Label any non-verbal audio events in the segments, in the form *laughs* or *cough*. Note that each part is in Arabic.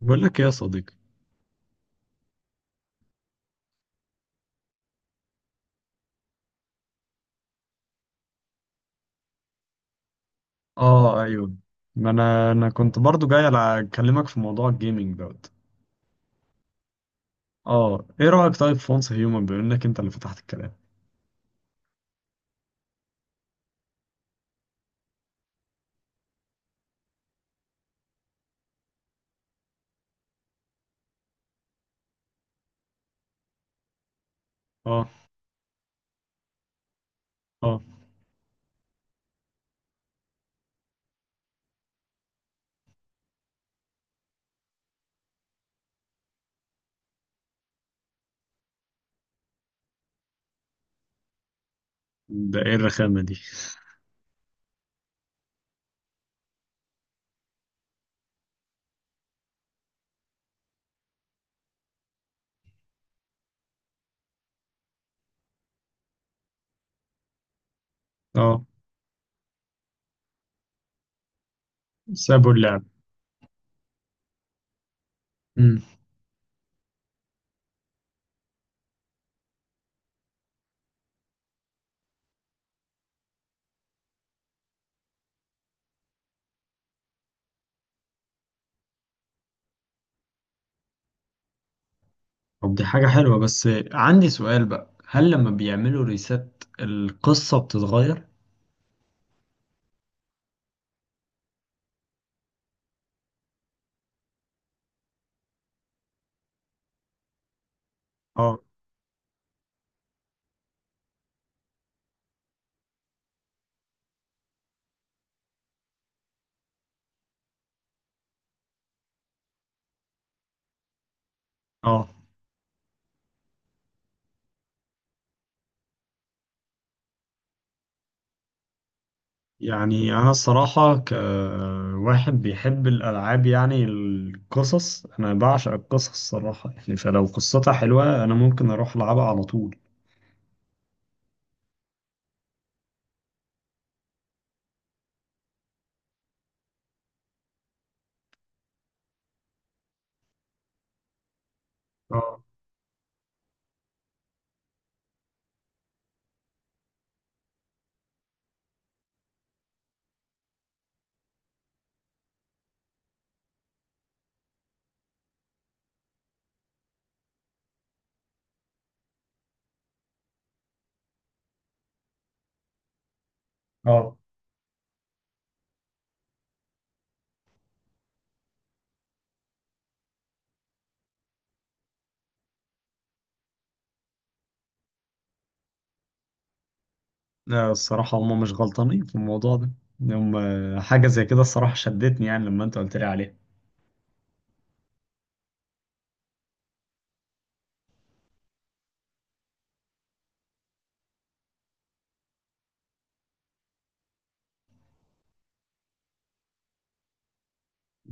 بقول لك ايه يا صديقي؟ اه ايوه. ما انا كنت برضو جاي اكلمك في موضوع الجيمنج دوت. اه، ايه رايك طيب في ونس هيومن بما انك انت اللي فتحت الكلام؟ اه اه. ده ايه الرخامه دي؟ اه. سابوا اللعب. امم. طب دي حاجه حلوه بس. عندي سؤال بقى، هل لما بيعملوا ريسات القصه بتتغير؟ اه اه. يعني أنا الصراحة كواحد بيحب الألعاب، يعني القصص، أنا بعشق القصص الصراحة، يعني فلو قصتها حلوة أنا ممكن أروح ألعبها على طول. اه اه. لا، الصراحة هما مش غلطانين في الموضوع ده. هم. حاجة زي كده الصراحة شدتني يعني لما أنت قلت لي عليها.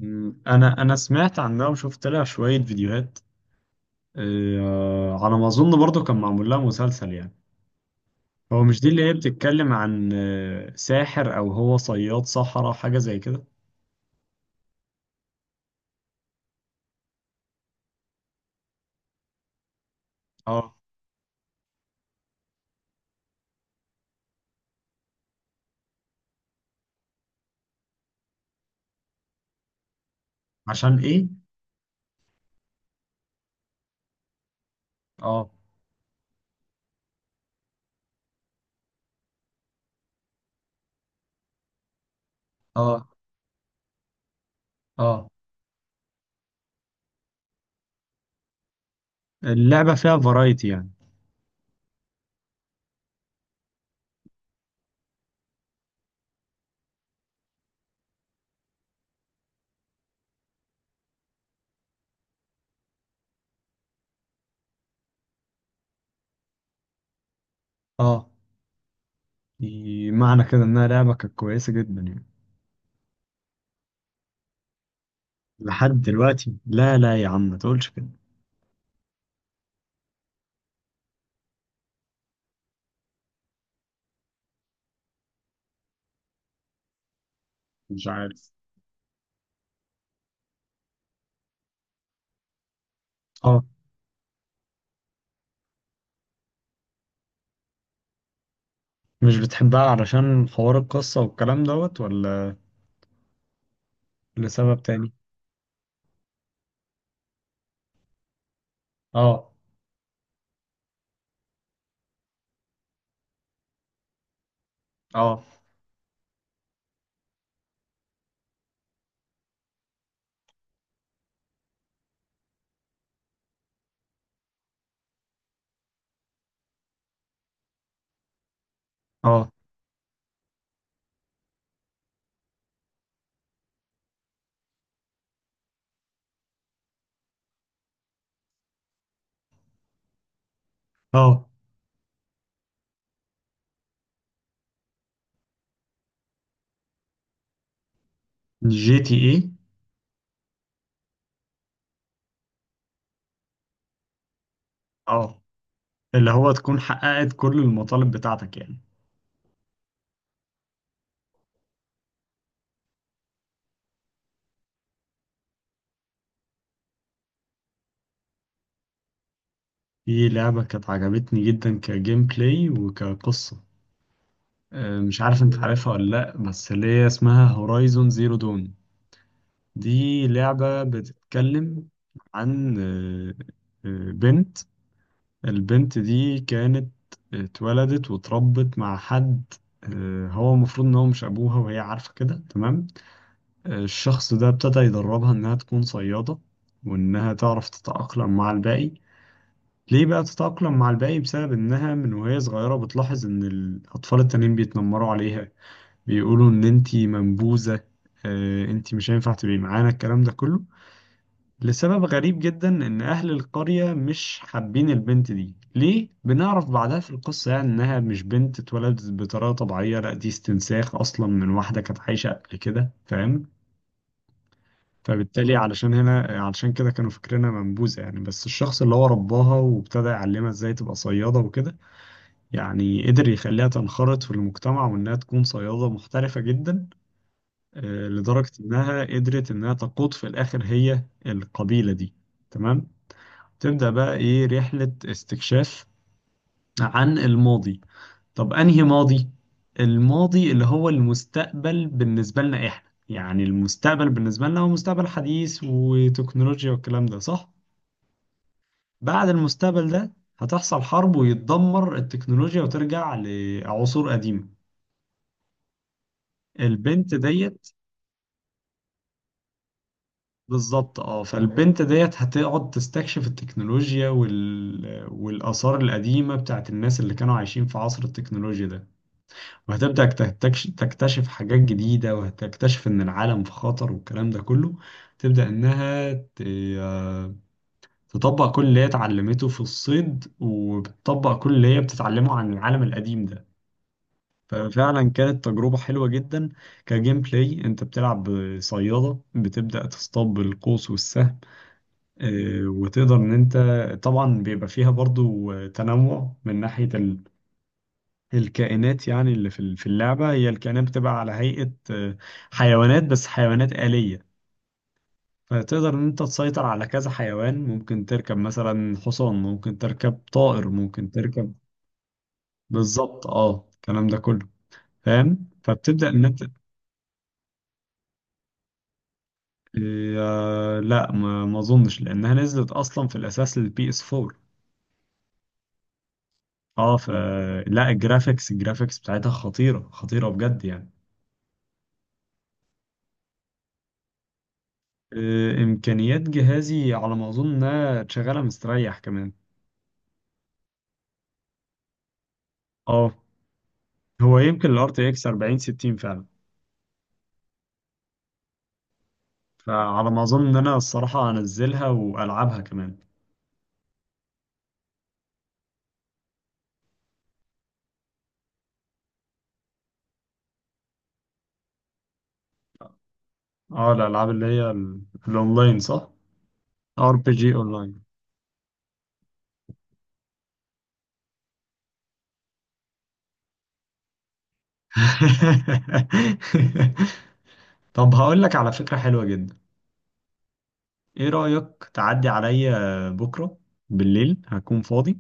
أنا سمعت عنها وشفت لها شوية فيديوهات. على ما أظن برضو كان معمول لها مسلسل يعني. هو مش دي اللي هي بتتكلم عن ساحر، أو هو صياد صحراء، حاجة زي كده؟ اه. عشان ايه؟ اه اه اه. اللعبة فيها فرايتي يعني. اه. دي معنى كده انها لعبة كانت كويسة جدا يعني. لحد دلوقتي، لا لا يا عم ما تقولش كده. مش عارف. اه. مش بتحبها علشان حوار القصة والكلام دوت، ولا لسبب تاني؟ اه اه اه اه. جي تي ايه؟ اه. اللي هو تكون حققت كل المطالب بتاعتك يعني. دي لعبة كانت عجبتني جدا كجيم بلاي وكقصة. مش عارف انت عارفها ولا لا، بس اللي هي اسمها هورايزون زيرو دون. دي لعبة بتتكلم عن بنت. البنت دي كانت اتولدت واتربت مع حد. هو المفروض ان هو مش ابوها وهي عارفة كده تمام. الشخص ده ابتدى يدربها انها تكون صيادة وانها تعرف تتأقلم مع الباقي. ليه بقى تتأقلم مع الباقي؟ بسبب انها من وهي صغيرة بتلاحظ ان الاطفال التانيين بيتنمروا عليها، بيقولوا ان انتي منبوذة، انتي مش هينفع تبقي معانا، الكلام ده كله. لسبب غريب جدا ان اهل القرية مش حابين البنت دي، ليه؟ بنعرف بعدها في القصة يعني انها مش بنت اتولدت بطريقة طبيعية، لا دي استنساخ اصلا من واحدة كانت عايشة قبل كده، فاهم؟ فبالتالي علشان هنا، علشان كده كانوا فاكرينها منبوذة يعني. بس الشخص اللي هو رباها وابتدى يعلمها ازاي تبقى صيادة وكده، يعني قدر يخليها تنخرط في المجتمع وانها تكون صيادة محترفة جدا. لدرجة إنها قدرت إنها تقود في الآخر هي القبيلة دي. تمام. تبدأ بقى إيه؟ رحلة استكشاف عن الماضي. طب أنهي ماضي؟ الماضي اللي هو المستقبل بالنسبة لنا إحنا، يعني المستقبل بالنسبة لنا هو مستقبل حديث وتكنولوجيا والكلام ده، صح؟ بعد المستقبل ده هتحصل حرب ويتدمر التكنولوجيا وترجع لعصور قديمة. البنت ديت، بالظبط اه، فالبنت ديت هتقعد تستكشف التكنولوجيا والآثار القديمة بتاعت الناس اللي كانوا عايشين في عصر التكنولوجيا ده، وهتبدأ تكتشف حاجات جديدة، وهتكتشف إن العالم في خطر والكلام ده كله. تبدأ إنها آه، تطبق كل اللي هي اتعلمته في الصيد، وبتطبق كل اللي هي بتتعلمه عن العالم القديم ده. ففعلا كانت تجربة حلوة جدا. كجيم بلاي، انت بتلعب صيادة بتبدأ تصطاد بالقوس والسهم. وتقدر ان انت طبعا بيبقى فيها برضو تنوع من ناحية الكائنات، يعني اللي في في اللعبة، هي الكائنات بتبقى على هيئة حيوانات، بس حيوانات آلية. فتقدر ان انت تسيطر على كذا حيوان، ممكن تركب مثلا حصان، ممكن تركب طائر، ممكن تركب. بالظبط اه، الكلام ده كله، فاهم؟ فبتبدأ ان انت لا، ما اظنش لانها نزلت اصلا في الاساس للبي اس 4. اه ف. لا، الجرافيكس بتاعتها خطيرة خطيرة بجد يعني. امكانيات جهازي على ما اظن انها شغالة مستريح كمان. اه، هو يمكن الار تي اكس 40 60 فعلا. فعلى ما اظن ان انا الصراحة انزلها والعبها كمان. اه، الالعاب اللي هي الاونلاين، صح؟ ار بي جي اونلاين. *laughs* طب هقول لك على فكرة حلوة جدا. ايه رأيك تعدي عليا بكرة؟ بالليل هكون فاضي.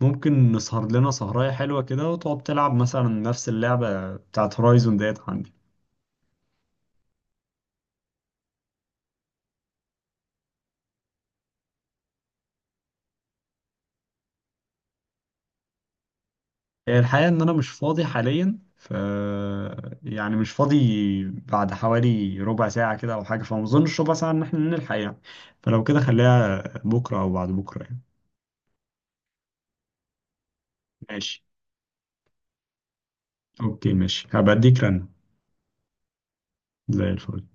ممكن نسهر لنا سهراية حلوة كده وتقعد تلعب مثلا نفس اللعبة بتاعت هورايزون ديت عندي. الحقيقة ان انا مش فاضي حاليا ف، يعني مش فاضي. بعد حوالي ربع ساعة كده او حاجة، فما اظنش ربع ساعة ان احنا نلحق يعني. فلو كده خليها بكرة او بعد بكرة يعني. ماشي، اوكي ماشي، هبقى اديك رن. زي الفل.